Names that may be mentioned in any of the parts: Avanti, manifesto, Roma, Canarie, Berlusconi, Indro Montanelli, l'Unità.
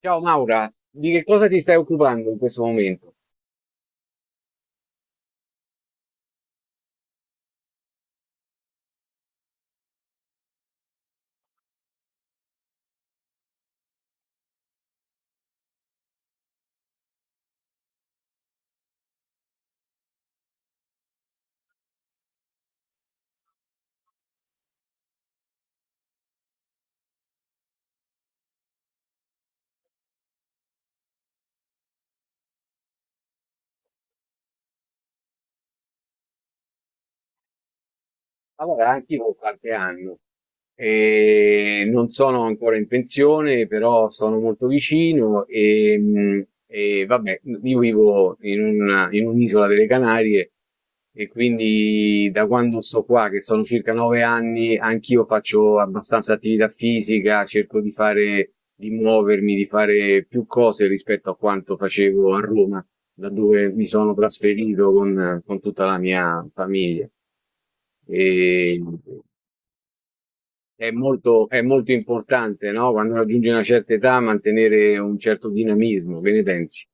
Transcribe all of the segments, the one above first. Ciao Maura, di che cosa ti stai occupando in questo momento? Allora, anch'io ho qualche anno e non sono ancora in pensione, però sono molto vicino e vabbè, io vivo in un'isola delle Canarie e quindi da quando sto qua, che sono circa 9 anni, anch'io faccio abbastanza attività fisica, cerco di fare, di muovermi, di fare più cose rispetto a quanto facevo a Roma, da dove mi sono trasferito con tutta la mia famiglia. E è molto importante, no? Quando raggiungi una certa età, mantenere un certo dinamismo, che ne pensi?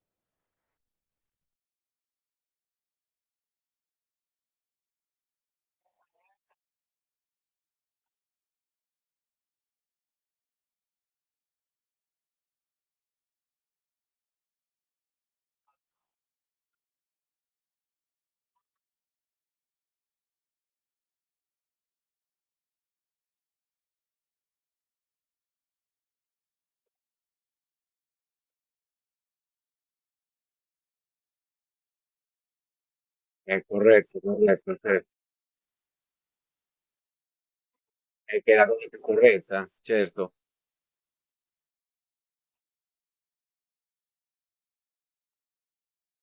È corretto, corretto, certo. È che è la cosa più corretta, certo.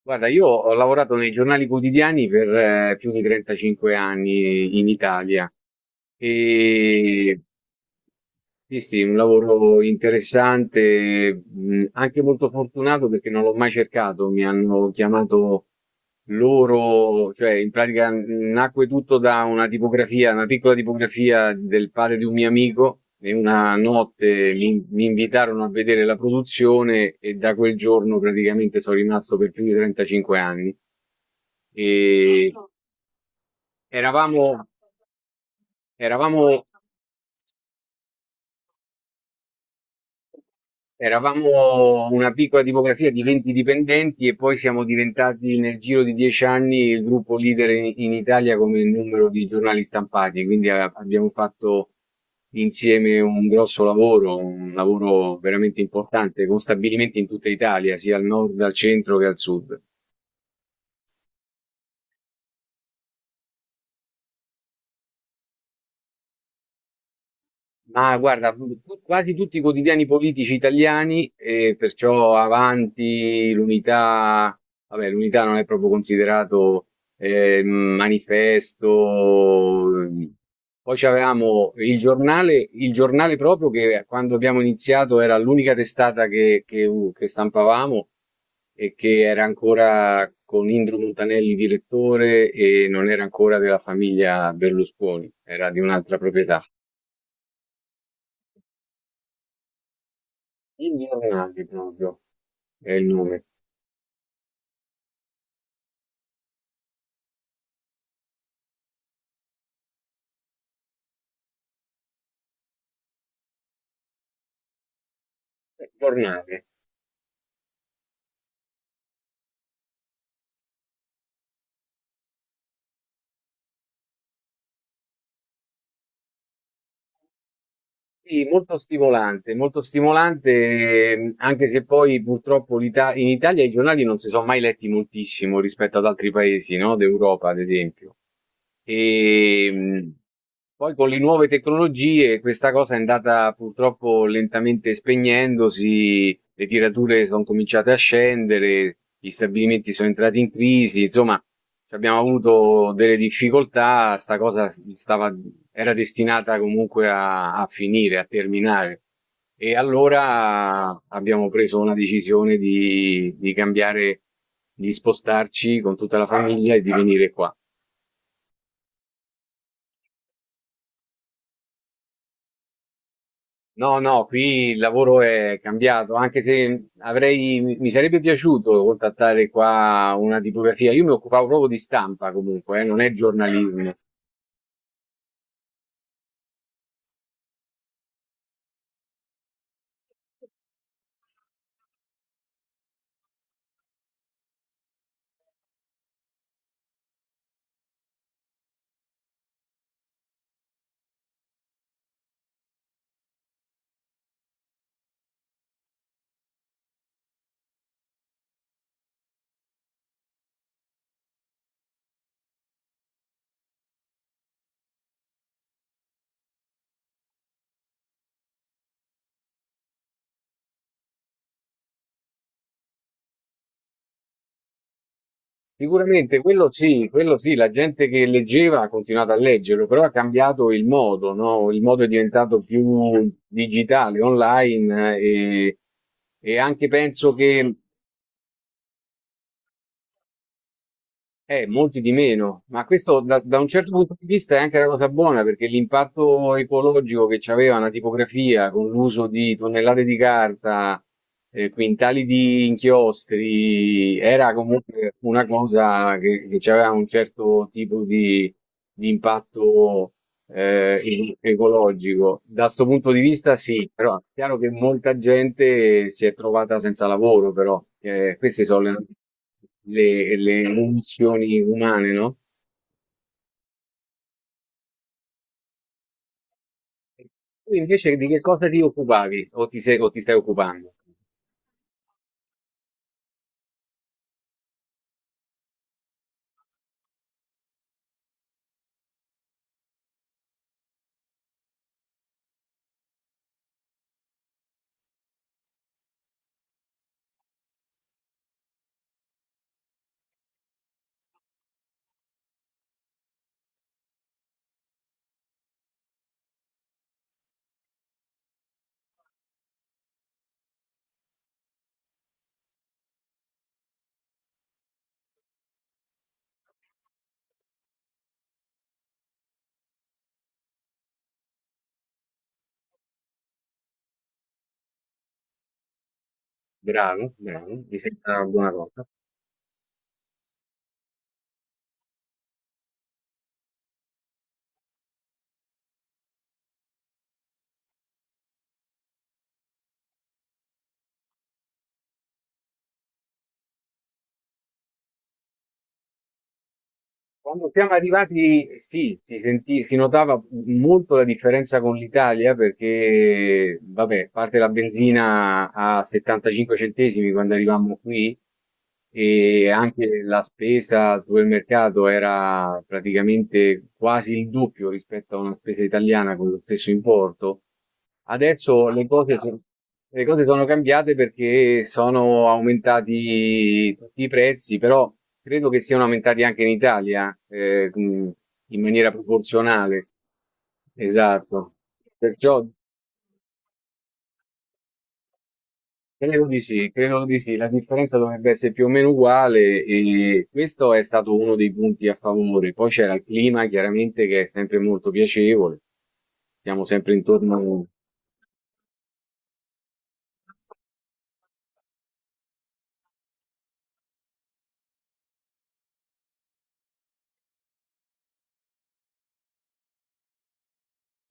Guarda, io ho lavorato nei giornali quotidiani per più di 35 anni in Italia e. Sì, sì, un lavoro interessante, anche molto fortunato perché non l'ho mai cercato, mi hanno chiamato loro, cioè in pratica nacque tutto da una tipografia, una piccola tipografia del padre di un mio amico e una notte mi invitarono a vedere la produzione e da quel giorno praticamente sono rimasto per più di 35 anni. E eravamo, eravamo Eravamo una piccola tipografia di 20 dipendenti e poi siamo diventati nel giro di 10 anni il gruppo leader in Italia come numero di giornali stampati, quindi abbiamo fatto insieme un grosso lavoro, un lavoro veramente importante con stabilimenti in tutta Italia, sia al nord, al centro che al sud. Ma guarda, quasi tutti i quotidiani politici italiani, e perciò Avanti, l'Unità, vabbè, l'Unità non è proprio considerato manifesto. Poi c'avevamo il giornale proprio che quando abbiamo iniziato era l'unica testata che stampavamo e che era ancora con Indro Montanelli direttore e non era ancora della famiglia Berlusconi, era di un'altra proprietà. Il giornale proprio è il nome. Giornale. Sì, molto stimolante, anche se poi purtroppo in Italia i giornali non si sono mai letti moltissimo rispetto ad altri paesi, no? D'Europa, ad esempio. E poi con le nuove tecnologie questa cosa è andata purtroppo lentamente spegnendosi, le tirature sono cominciate a scendere, gli stabilimenti sono entrati in crisi, insomma, cioè, abbiamo avuto delle difficoltà, stava, era destinata comunque a finire, a terminare. E allora abbiamo preso una decisione di cambiare, di spostarci con tutta la famiglia e di venire qua. No, no, qui il lavoro è cambiato, anche se avrei, mi mi sarebbe piaciuto contattare qua una tipografia. Io mi occupavo proprio di stampa comunque, non è giornalismo. Sicuramente quello sì, la gente che leggeva ha continuato a leggerlo, però ha cambiato il modo, no? Il modo è diventato più digitale, online e anche penso che. Molti di meno, ma questo da un certo punto di vista è anche una cosa buona perché l'impatto ecologico che c'aveva una tipografia con l'uso di tonnellate di carta, quintali di inchiostri, era comunque una cosa che c'aveva un certo tipo di impatto ecologico. Da questo punto di vista, sì, però è chiaro che molta gente si è trovata senza lavoro, però queste sono le condizioni umane, no? Tu invece di che cosa ti occupavi o ti stai occupando? Bravo, bravo, mi sembra una buona cosa. Quando siamo arrivati, sì, si notava molto la differenza con l'Italia perché, vabbè, a parte la benzina a 75 centesimi quando arrivammo qui e anche la spesa al supermercato era praticamente quasi il doppio rispetto a una spesa italiana con lo stesso importo. Adesso le cose sono cambiate perché sono aumentati tutti i prezzi, però credo che siano aumentati anche in Italia, in maniera proporzionale. Esatto. Perciò credo di sì, credo di sì. La differenza dovrebbe essere più o meno uguale e questo è stato uno dei punti a favore. Poi c'era il clima, chiaramente, che è sempre molto piacevole. Siamo sempre intorno.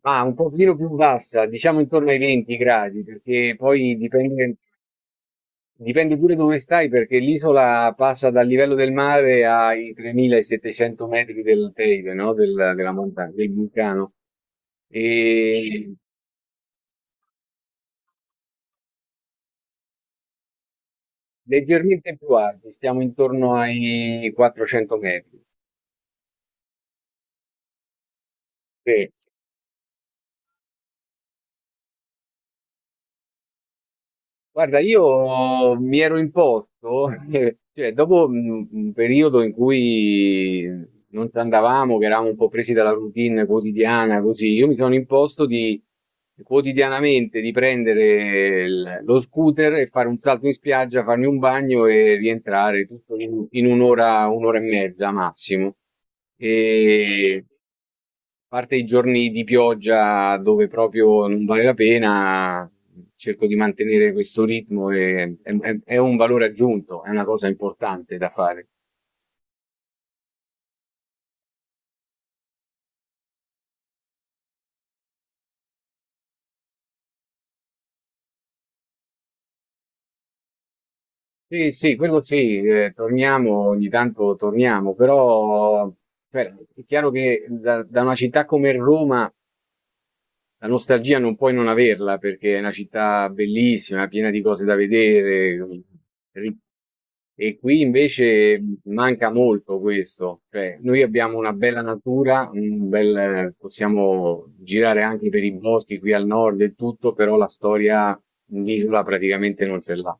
Ma un pochino più bassa, diciamo intorno ai 20 gradi, perché poi dipende, dipende pure dove stai, perché l'isola passa dal livello del mare ai 3.700 metri dell'alteide, no? Della montagna, del vulcano. E leggermente più alti, stiamo intorno ai 400 metri. Sì. Guarda, io mi ero imposto, cioè dopo un periodo in cui non ci andavamo, che eravamo un po' presi dalla routine quotidiana, così, io mi sono imposto di quotidianamente di prendere lo scooter e fare un salto in spiaggia, farmi un bagno e rientrare tutto in un'ora, un'ora e mezza massimo. Parte i giorni di pioggia dove proprio non vale la pena, cerco di mantenere questo ritmo e è un valore aggiunto, è una cosa importante da fare. Sì, sì, quello sì, torniamo, ogni tanto torniamo, però cioè, è chiaro che da una città come Roma. La nostalgia non puoi non averla perché è una città bellissima, piena di cose da vedere. ri- E qui invece manca molto questo, cioè noi abbiamo una bella natura, possiamo girare anche per i boschi qui al nord e tutto, però la storia in isola praticamente non ce l'ha.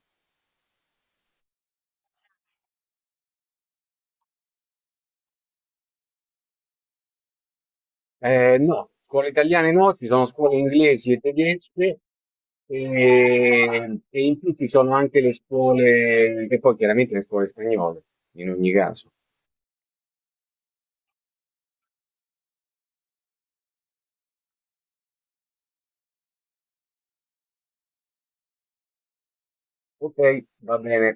No, scuole italiane no, ci sono scuole inglesi e tedesche, e in più ci sono anche le scuole e poi chiaramente le scuole spagnole, in ogni caso. Okay, va bene.